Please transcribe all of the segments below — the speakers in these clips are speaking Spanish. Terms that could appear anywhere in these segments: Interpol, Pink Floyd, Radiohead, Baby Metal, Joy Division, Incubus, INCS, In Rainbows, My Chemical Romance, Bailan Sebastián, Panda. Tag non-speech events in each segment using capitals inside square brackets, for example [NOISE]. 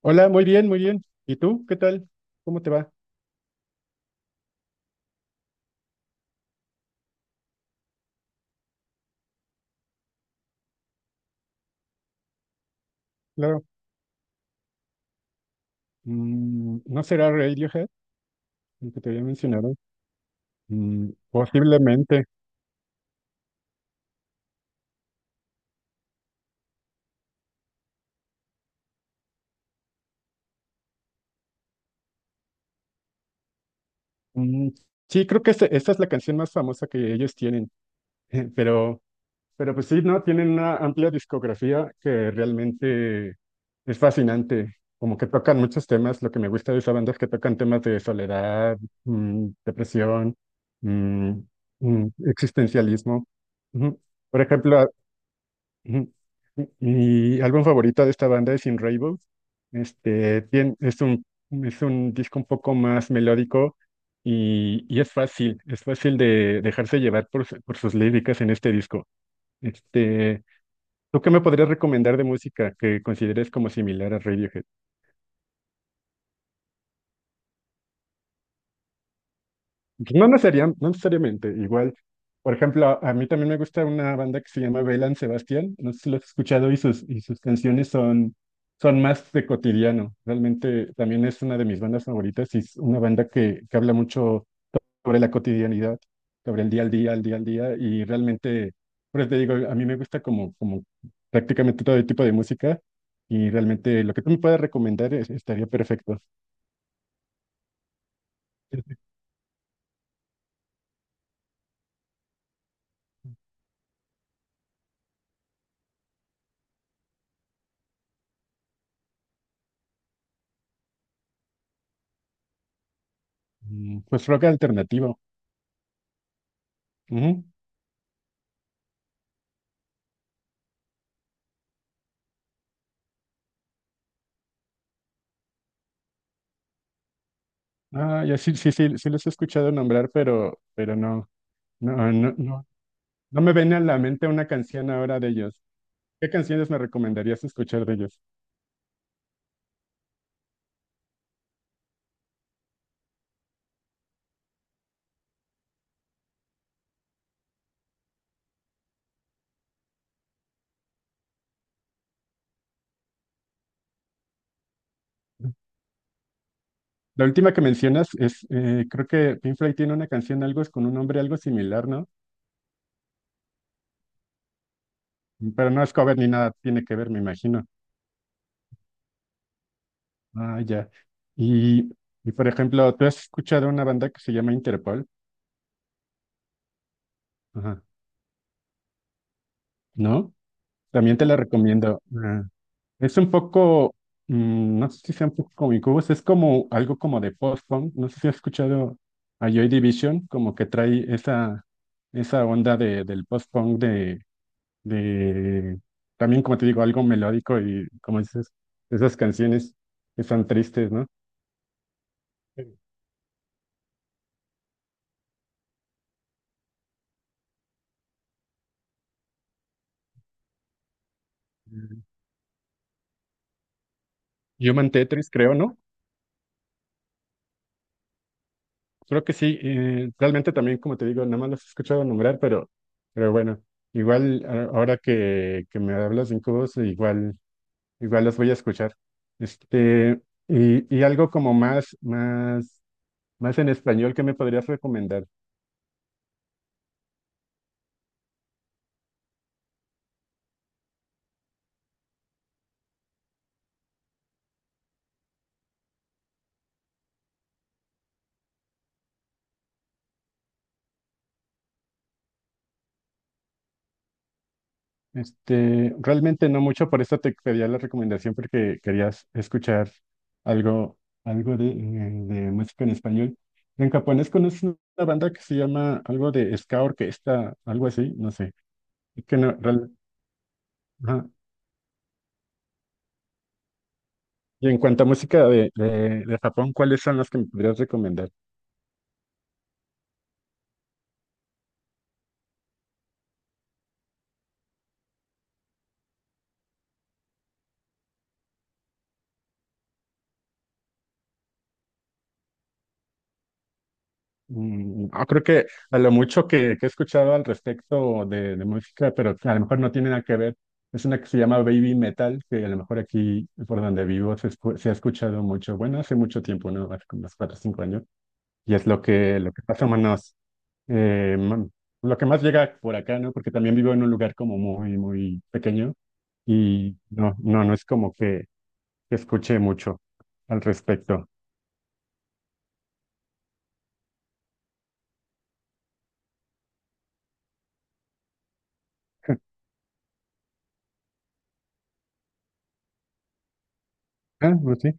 Hola, muy bien, muy bien. ¿Y tú? ¿Qué tal? ¿Cómo te va? Claro. Mm, ¿no será Radiohead, el que te había mencionado? Mm, posiblemente. Mm, sí, creo que esta es la canción más famosa que ellos tienen, [LAUGHS] pero, pero pues sí, ¿no? Tienen una amplia discografía que realmente es fascinante. Como que tocan muchos temas. Lo que me gusta de esa banda es que tocan temas de soledad, depresión, mm, existencialismo. Ujú. Por ejemplo, ujú. Mi álbum favorito de esta banda es In Rainbows. Este, es un disco un poco más melódico y es fácil de dejarse llevar por sus líricas en este disco. Este, ¿tú qué me podrías recomendar de música que consideres como similar a Radiohead? No necesariamente, igual. Por ejemplo, a mí también me gusta una banda que se llama Bailan Sebastián. No sé si lo has escuchado y sus canciones son más de cotidiano. Realmente también es una de mis bandas favoritas y es una banda que habla mucho sobre la cotidianidad, sobre el día al día, al día al día. Y realmente, pues te digo, a mí me gusta como prácticamente todo tipo de música y realmente lo que tú me puedas recomendar estaría perfecto. Pues rock alternativo. Ujú. Ah, ya, sí, sí, sí, sí los he escuchado nombrar, pero no, no, no, no, no me viene a la mente una canción ahora de ellos. ¿Qué canciones me recomendarías escuchar de ellos? La última que mencionas es, creo que Pink Floyd tiene una canción, algo es con un nombre algo similar, ¿no? Pero no es cover ni nada, tiene que ver, me imagino. Ah, ya. Y, y por ejemplo, ¿tú has escuchado una banda que se llama Interpol? Ajá. ¿No? También te la recomiendo. Ah. Es un poco, mm, no sé si sea un poco cómico, pues es como algo como de post-punk, no sé si has escuchado a Joy Division, como que trae esa onda del post-punk de, también como te digo, algo melódico y como dices, esas canciones que son tristes, ¿no? Sí. Eh, Human Tetris, creo, ¿no? Creo que sí, realmente también, como te digo, nada más los he escuchado nombrar, pero bueno, igual ahora que me hablas de Incubus, igual... Igual los voy a escuchar. Este, y algo como más en español que me podrías recomendar. Este, realmente no mucho, por eso te pedía la recomendación porque querías escuchar algo, algo de música en español. En japonés conoces una banda que se llama algo de ska orquesta, algo así, no sé. Y que no, real- Ajá. Y en cuanto a música de Japón, ¿cuáles son las que me podrías recomendar? No, creo que a lo mucho que he escuchado al respecto de música, pero que a lo mejor no tiene nada que ver, es una que se llama Baby Metal, que a lo mejor aquí por donde vivo se ha escuchado mucho, bueno, hace mucho tiempo, ¿no? Hace como unos 4 o 5 años, y es lo que pasa menos, eh, mm, lo que más llega por acá, ¿no? Porque también vivo en un lugar como muy, muy pequeño y no, no, no es como que escuche mucho al respecto. [LAUGHS] Ah, pues sí.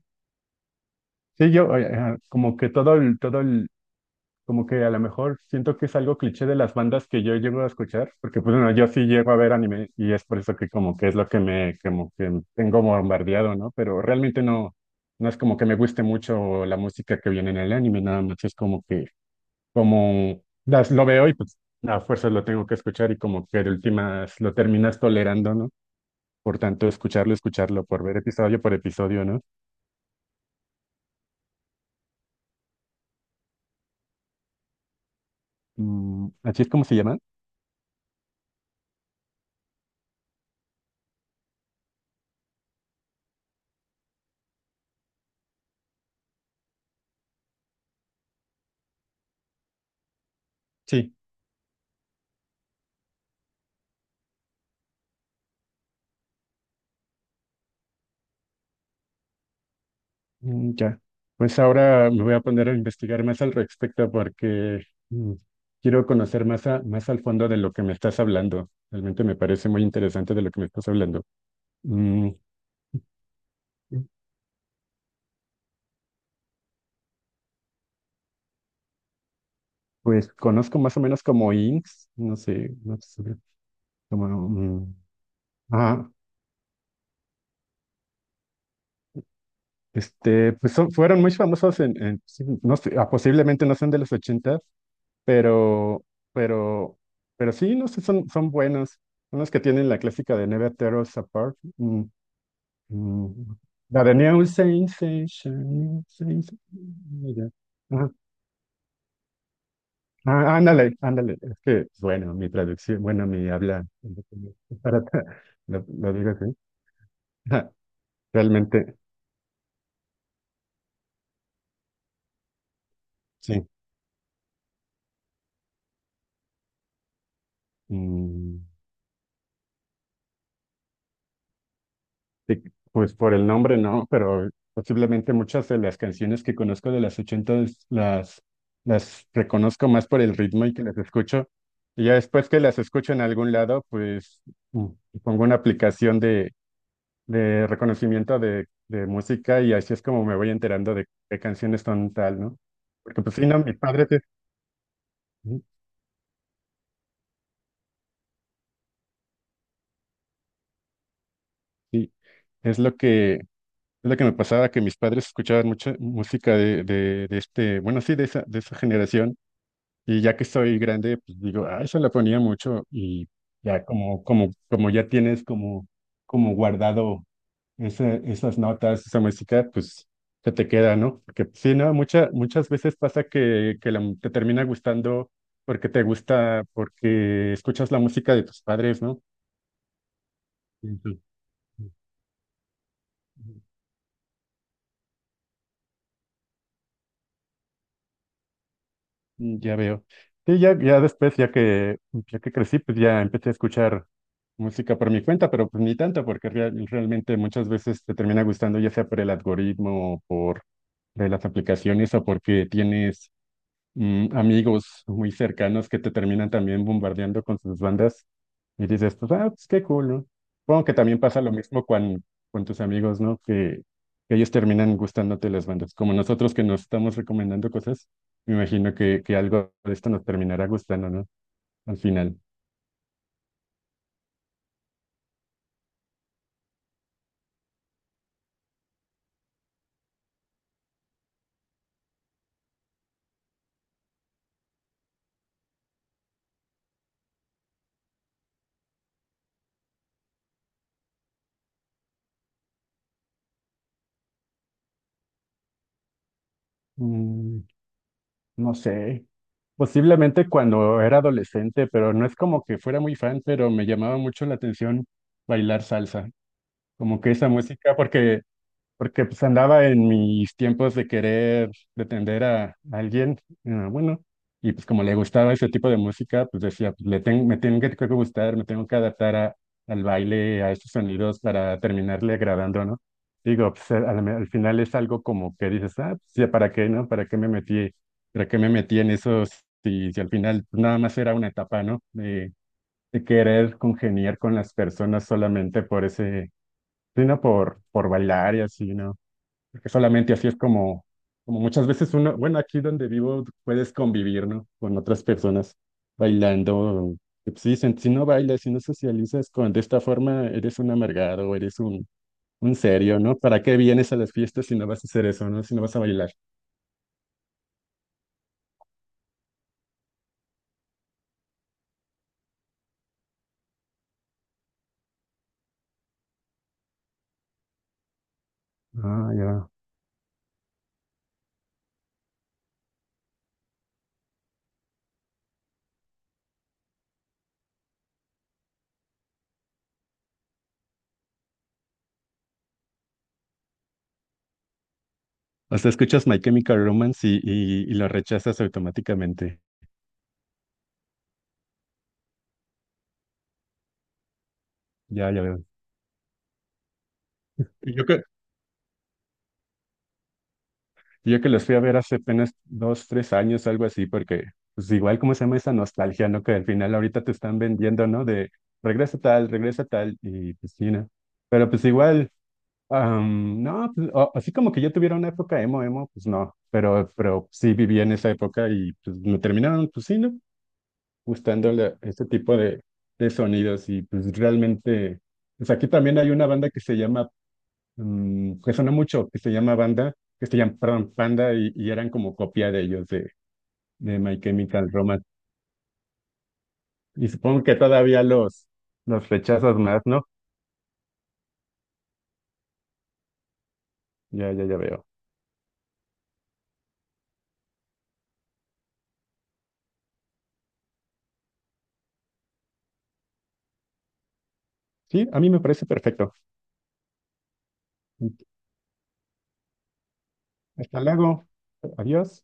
Sí, yo como que como que a lo mejor siento que es algo cliché de las bandas que yo llego a escuchar, porque pues bueno, yo sí llego a ver anime y es por eso que como que es lo que me, como que tengo bombardeado, ¿no? Pero realmente no, no es como que me guste mucho la música que viene en el anime, nada más es como que, como las, lo veo y pues a fuerzas lo tengo que escuchar y como que de últimas lo terminas tolerando, ¿no? Por tanto, escucharlo, escucharlo, por ver episodio por episodio, ¿no? Mm, ¿así es como se llama? Sí. Mm, ya, pues ahora me voy a poner a investigar más al respecto porque mm, quiero conocer más, más al fondo de lo que me estás hablando. Realmente me parece muy interesante de lo que me estás hablando. Mm, pues conozco más o menos como INCS, no sé, no sé, como, mm, ah, este, pues fueron muy famosos sí, no sé, ah, posiblemente no son de los ochentas, pero, pero, pero sí, no sé, son buenos. Son los que tienen la clásica de Never Tear Us Apart. Mm. Mm. La de New Sensation. Sensation, ya. Ajá. Ah, ándale, ándale. Es que, bueno, mi traducción, bueno, mi habla es para, [LAUGHS] lo digo así. Ajá. Realmente, sí. Mm, sí, pues por el nombre no, pero posiblemente muchas de las canciones que conozco de las ochentas las reconozco más por el ritmo y que las escucho. Y ya después que las escucho en algún lado, pues mm, pongo una aplicación de reconocimiento de música y así es como me voy enterando de qué canciones son tal, ¿no? Porque pues sí, no, mis padres, es- ujú. Sí, es lo que me pasaba, que mis padres escuchaban mucha música de este, bueno, sí, de esa generación, y ya que soy grande, pues digo, ah, eso la ponía mucho y ya como ya tienes como guardado esas notas, esa música, pues se te queda, ¿no? Porque pues, sí, ¿no? Muchas veces pasa que te termina gustando porque te gusta, porque escuchas la música de tus padres, ¿no? Ujú. Mm, ya veo. Sí, ya después, ya que crecí, pues ya empecé a escuchar música por mi cuenta, pero pues ni tanto, porque realmente muchas veces te termina gustando, ya sea por el algoritmo o por de las aplicaciones o porque tienes amigos muy cercanos que te terminan también bombardeando con sus bandas y dices, pues, ah, pues qué cool, ¿no? Supongo que también pasa lo mismo con, tus amigos, ¿no? Que ellos terminan gustándote las bandas. Como nosotros que nos estamos recomendando cosas, me imagino que algo de esto nos terminará gustando, ¿no? Al final. Mm, no sé. Posiblemente cuando era adolescente, pero no es como que fuera muy fan, pero me llamaba mucho la atención bailar salsa. Como que esa música, porque porque pues andaba en mis tiempos de querer pretender a alguien, bueno, y pues como le gustaba ese tipo de música, pues decía, pues, le tengo me tengo que gustar, me tengo que adaptar a, al baile, a estos sonidos para terminarle agradando, ¿no? Digo, pues al final es algo como que dices, ah, pues ya, ¿para qué, no? ¿Para qué me metí? ¿Para qué me metí en esos? Si al final pues, nada más era una etapa, ¿no? De querer congeniar con las personas solamente por ese, sino por bailar y así, ¿no? Porque solamente así es como, como muchas veces uno, bueno, aquí donde vivo puedes convivir, ¿no? Con otras personas bailando. Que, pues, sí, si no bailas, si no socializas con, de esta forma, eres un amargado, eres un serio, ¿no? ¿Para qué vienes a las fiestas si no vas a hacer eso, ¿no? Si no vas a bailar. Ah, ya. O sea, escuchas My Chemical Romance y lo rechazas automáticamente. Ya, ya veo. Y Yo, cre- Yo que los fui a ver hace apenas 2, 3 años, algo así, porque pues igual como se llama esa nostalgia, ¿no? Que al final ahorita te están vendiendo, ¿no? De regresa tal, y pues sí, ¿no? Pero pues igual, am, no, pues, o- así como que yo tuviera una época emo, emo, pues no, pero sí viví en esa época y pues me terminaron, pues sí, ¿no? Gustando este tipo de sonidos y pues realmente, pues aquí también hay una banda que se llama que sonó mucho, que se llama Banda, que se llama, perdón, Panda, y eran como copia de ellos, de My Chemical Romance. Y supongo que todavía los rechazas más, ¿no? Ya, ya, ya veo. Sí, a mí me parece perfecto. Hasta luego. Adiós.